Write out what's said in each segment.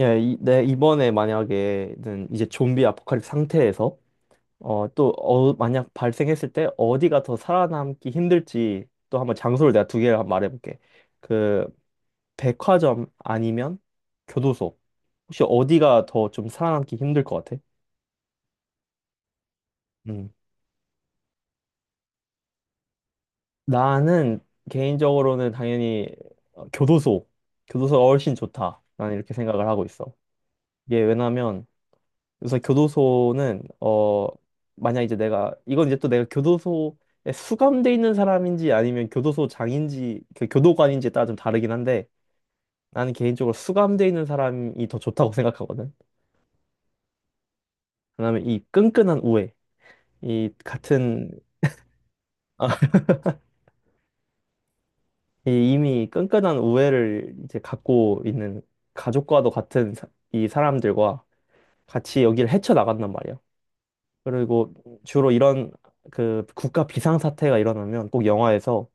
예, 이, 내 이번에 만약에는 이제 좀비 아포칼립스 상태에서 만약 발생했을 때 어디가 더 살아남기 힘들지 또 한번 장소를 내가 두 개를 한번 말해볼게. 그 백화점 아니면 교도소. 혹시 어디가 더 좀 살아남기 힘들 것 같아? 음. 나는 개인적으로는 당연히 교도소. 교도소가 훨씬 좋다. 난 이렇게 생각을 하고 있어. 이게 왜냐면 그래서 교도소는 만약 이제 내가 이건 이제 또 내가 교도소에 수감돼 있는 사람인지 아니면 교도소장인지 그 교도관인지에 따라 좀 다르긴 한데 나는 개인적으로 수감돼 있는 사람이 더 좋다고 생각하거든. 그다음에 이 끈끈한 우애, 이 같은 이 이미 끈끈한 우애를 이제 갖고 있는 가족과도 같은 이 사람들과 같이 여기를 헤쳐나간단 말이야. 그리고 주로 이런 그 국가 비상사태가 일어나면 꼭 영화에서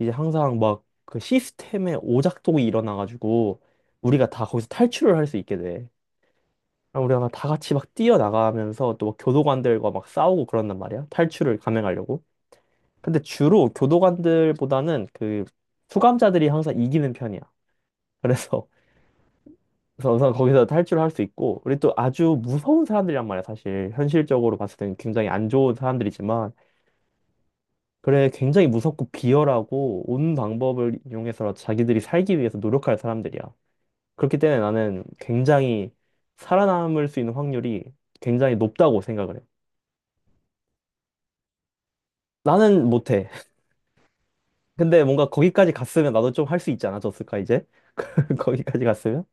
이제 항상 막 그 시스템의 오작동이 일어나가지고 우리가 다 거기서 탈출을 할 수 있게 돼. 그럼 우리가 다 같이 막 뛰어나가면서 또막 교도관들과 막 싸우고 그런단 말이야. 탈출을 감행하려고. 근데 주로 교도관들보다는 그 수감자들이 항상 이기는 편이야. 그래서 그래서 우선 거기서 탈출을 할 수 있고 우리 또 아주 무서운 사람들이란 말이야. 사실 현실적으로 봤을 때는 굉장히 안 좋은 사람들이지만 그래, 굉장히 무섭고 비열하고 온 방법을 이용해서 자기들이 살기 위해서 노력할 사람들이야. 그렇기 때문에 나는 굉장히 살아남을 수 있는 확률이 굉장히 높다고 생각을 해. 나는 못해. 근데 뭔가 거기까지 갔으면 나도 좀 할 수 있지 않아졌을까, 이제? 거기까지 갔으면?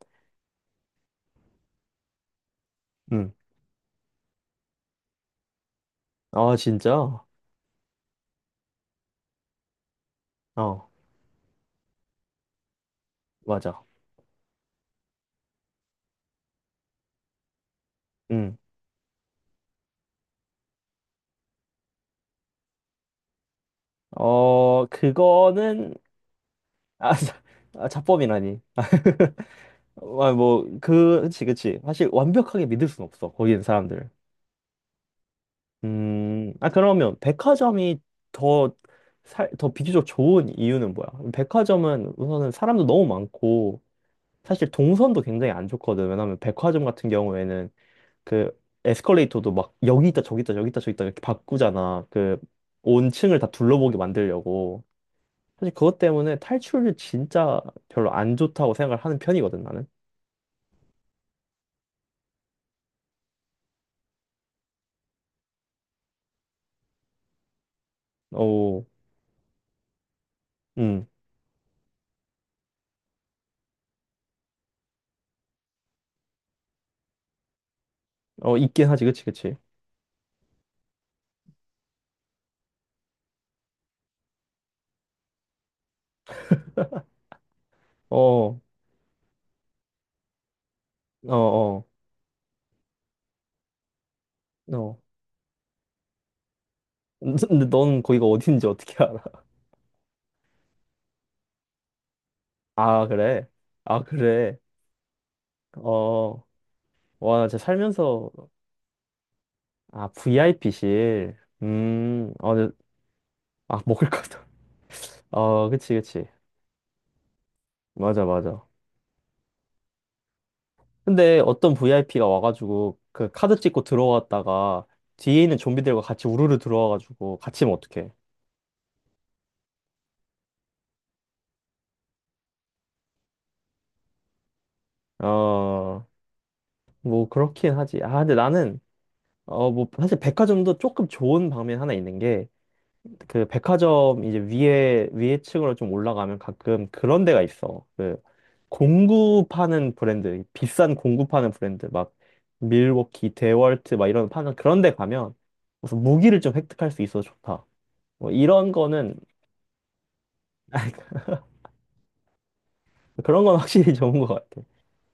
응. 아, 진짜? 어, 맞아. 응. 어, 그거는, 아, 자- 아, 자법이라니. 아, 뭐, 그, 그치, 그치. 사실 완벽하게 믿을 순 없어, 거기는 사람들. 아, 그러면 백화점이 더, 살, 더 비교적 좋은 이유는 뭐야? 백화점은 우선은 사람도 너무 많고, 사실 동선도 굉장히 안 좋거든. 왜냐면 백화점 같은 경우에는 그 에스컬레이터도 막 여기 있다, 저기 있다, 여기 있다, 저기 있다 이렇게 바꾸잖아. 그 온 층을 다 둘러보게 만들려고. 사실 그것 때문에 탈출이 진짜 별로 안 좋다고 생각을 하는 편이거든, 나는. 어, 음, 어, 있긴 하지, 그치, 그치. 어, 어, 어, 어. 근데 넌 거기가 어딘지 어떻게 알아? 아, 그래? 아, 그래. 어, 와, 나 진짜 살면서, 아, VIP실. 아, 근데- 아, 먹을 것도. 아, 그치, 그치. 맞아, 맞아. 근데 어떤 VIP가 와가지고, 그 카드 찍고 들어왔다가, 뒤에 있는 좀비들과 같이 우르르 들어와가지고, 같이면 어떡해. 어, 뭐, 그렇긴 하지. 아, 근데 나는, 어, 뭐, 사실 백화점도 조금 좋은 방면 하나 있는 게, 그 백화점 이제 위에 층으로 좀 올라가면 가끔 그런 데가 있어. 그 공구 파는 브랜드, 비싼 공구 파는 브랜드 막 밀워키, 데월트 막 이런 파는 그런 데 가면 무슨 무기를 좀 획득할 수 있어서 좋다. 뭐 이런 거는 그런 건 확실히 좋은 것 같아.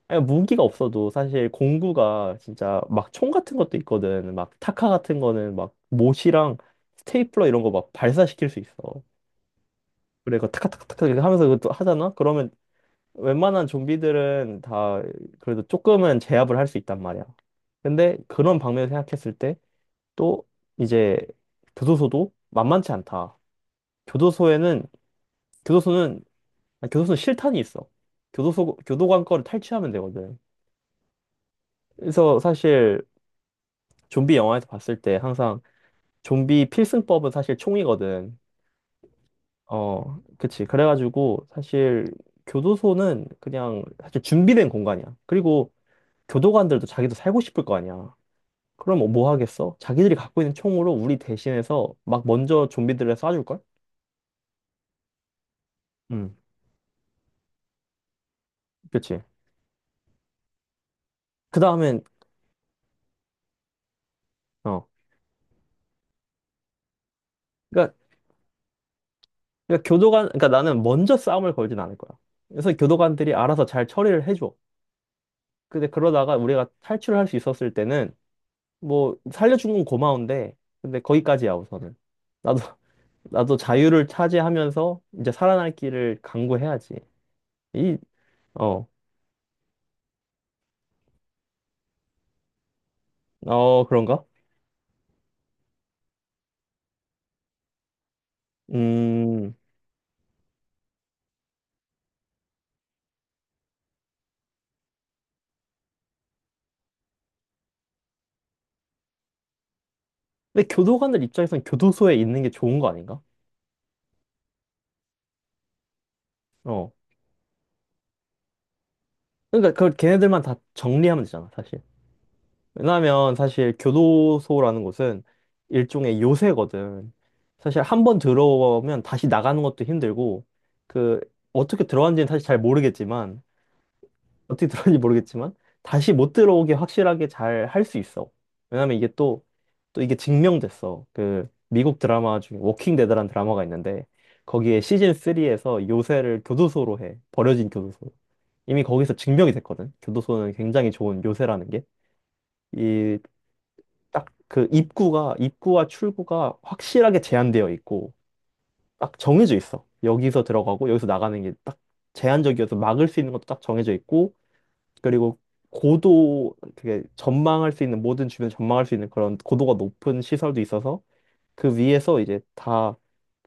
아니, 무기가 없어도 사실 공구가 진짜 막 총 같은 것도 있거든. 막 타카 같은 거는 막 못이랑 스테이플러 이런 거 막 발사시킬 수 있어. 그래, 그 타카타카타카 이렇게 하면서 그것도 하잖아? 그러면 웬만한 좀비들은 다 그래도 조금은 제압을 할 수 있단 말이야. 근데 그런 방면을 생각했을 때 또 이제 교도소도 만만치 않다. 교도소에는 교도소는 아니, 교도소는 실탄이 있어. 교도소 교도관 거를 탈취하면 되거든. 그래서 사실 좀비 영화에서 봤을 때 항상 좀비 필승법은 사실 총이거든. 어, 그치. 그래가지고 사실 교도소는 그냥 사실 준비된 공간이야. 그리고 교도관들도 자기도 살고 싶을 거 아니야. 그럼 뭐뭐 하겠어? 자기들이 갖고 있는 총으로 우리 대신해서 막 먼저 좀비들을 쏴줄걸? 음, 그치. 그 다음엔, 어. 그러니까, 그러니까 나는 먼저 싸움을 걸진 않을 거야. 그래서 교도관들이 알아서 잘 처리를 해줘. 근데 그러다가 우리가 탈출을 할 수 있었을 때는, 뭐, 살려준 건 고마운데, 근데 거기까지야, 우선은. 나도, 나도 자유를 차지하면서 이제 살아날 길을 강구해야지. 이, 어, 어, 그런가? 음, 근데 교도관들 입장에선 교도소에 있는 게 좋은 거 아닌가? 어. 그러니까 그걸 걔네들만 다 정리하면 되잖아, 사실. 왜냐하면 사실 교도소라는 곳은 일종의 요새거든. 사실 한 번 들어오면 다시 나가는 것도 힘들고 그 어떻게 들어왔는지는 사실 잘 모르겠지만 어떻게 들어왔는지 모르겠지만 다시 못 들어오게 확실하게 잘 할 수 있어. 왜냐면 이게 또 이게 증명됐어. 그 미국 드라마 중에 워킹 데드라는 드라마가 있는데 거기에 시즌 3에서 요새를 교도소로 해. 버려진 교도소. 이미 거기서 증명이 됐거든. 교도소는 굉장히 좋은 요새라는 게. 이, 딱 그 입구가, 입구와 출구가 확실하게 제한되어 있고, 딱 정해져 있어. 여기서 들어가고, 여기서 나가는 게 딱 제한적이어서 막을 수 있는 것도 딱 정해져 있고, 그리고 고도, 그게 전망할 수 있는, 모든 주변 전망할 수 있는 그런 고도가 높은 시설도 있어서, 그 위에서 이제 다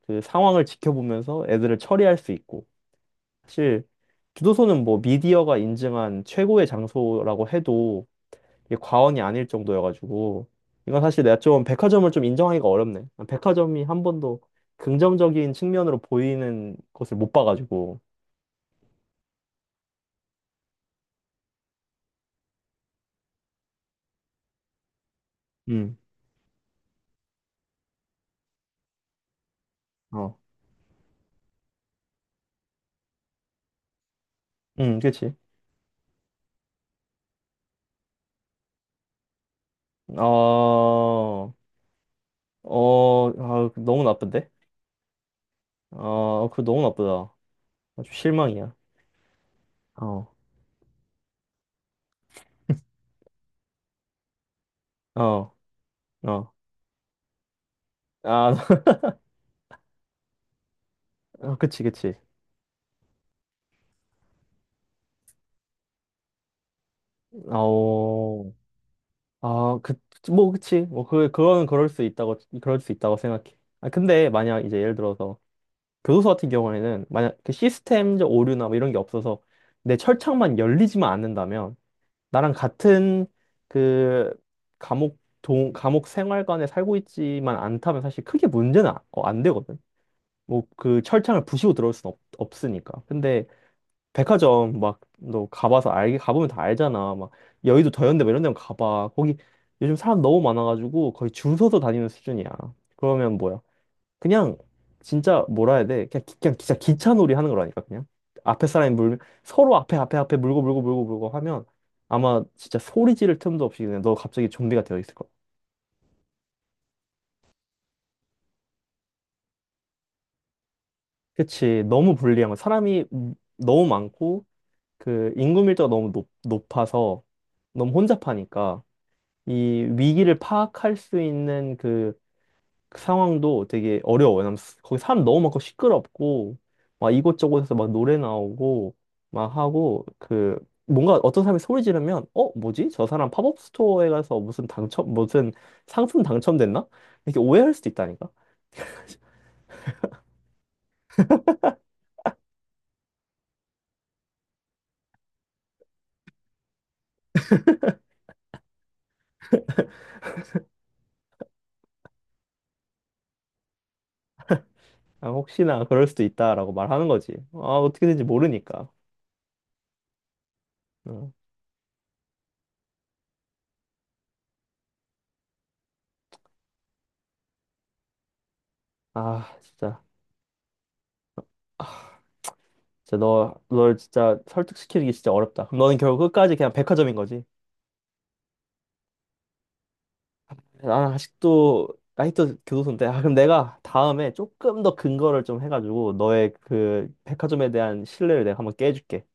그 상황을 지켜보면서 애들을 처리할 수 있고, 사실, 교도소는 뭐 미디어가 인증한 최고의 장소라고 해도 이게 과언이 아닐 정도여가지고 이건 사실 내가 좀 백화점을 좀 인정하기가 어렵네. 백화점이 한 번도 긍정적인 측면으로 보이는 것을 못 봐가지고. 음, 어, 그치. 어, 어, 아, 그 너무 나쁜데? 어, 그거 너무 나쁘다. 아주 실망이야. 어, 어, 어. 아, 어, 그치, 그치. 아오. 아, 그, 뭐, 그치. 그거는 그럴 수 있다고 생각해. 아, 근데 만약 이제 예를 들어서 교도소 같은 경우에는 만약 그 시스템적 오류나 뭐 이런 게 없어서 내 철창만 열리지만 않는다면 나랑 같은 그 감옥 생활관에 살고 있지만 않다면 사실 크게 문제는 안 되거든. 뭐 그 철창을 부시고 들어올 없으니까. 근데 백화점 막 너 가봐서 알게 가보면 다 알잖아. 막 여의도 더현대 뭐 이런 데만 가봐. 거기 요즘 사람 너무 많아가지고 거의 줄 서서 다니는 수준이야. 그러면 뭐야? 그냥 진짜 뭐라 해야 돼? 그냥, 그냥 진짜 기차놀이 하는 거라니까 그냥 앞에 사람이 물면 서로 앞에 물고 하면 아마 진짜 소리 지를 틈도 없이 그냥 너 갑자기 좀비가 되어 있을 거야. 그치 너무 불리한 거 사람이 너무 많고 그 인구 밀도가 너무 높아서 너무 혼잡하니까 이 위기를 파악할 수 있는 그 상황도 되게 어려워요. 왜냐면 거기 사람 너무 많고 시끄럽고 막 이곳저곳에서 막 노래 나오고 막 하고 그 뭔가 어떤 사람이 소리 지르면 어 뭐지? 저 사람 팝업 스토어에 가서 무슨 당첨 무슨 상품 당첨됐나? 이렇게 오해할 수도 있다니까. 아, 혹시나 그럴 수도 있다라고 말하는 거지. 아, 어떻게 되는지 모르니까. 응. 아 진짜. 아, 진짜 너, 널 진짜 설득시키기 진짜 어렵다. 그럼 너는 결국 끝까지 그냥 백화점인 거지. 나는 아직도 나이트 교도소인데 아, 그럼 내가 다음에 조금 더 근거를 좀 해가지고 너의 그 백화점에 대한 신뢰를 내가 한번 깨줄게.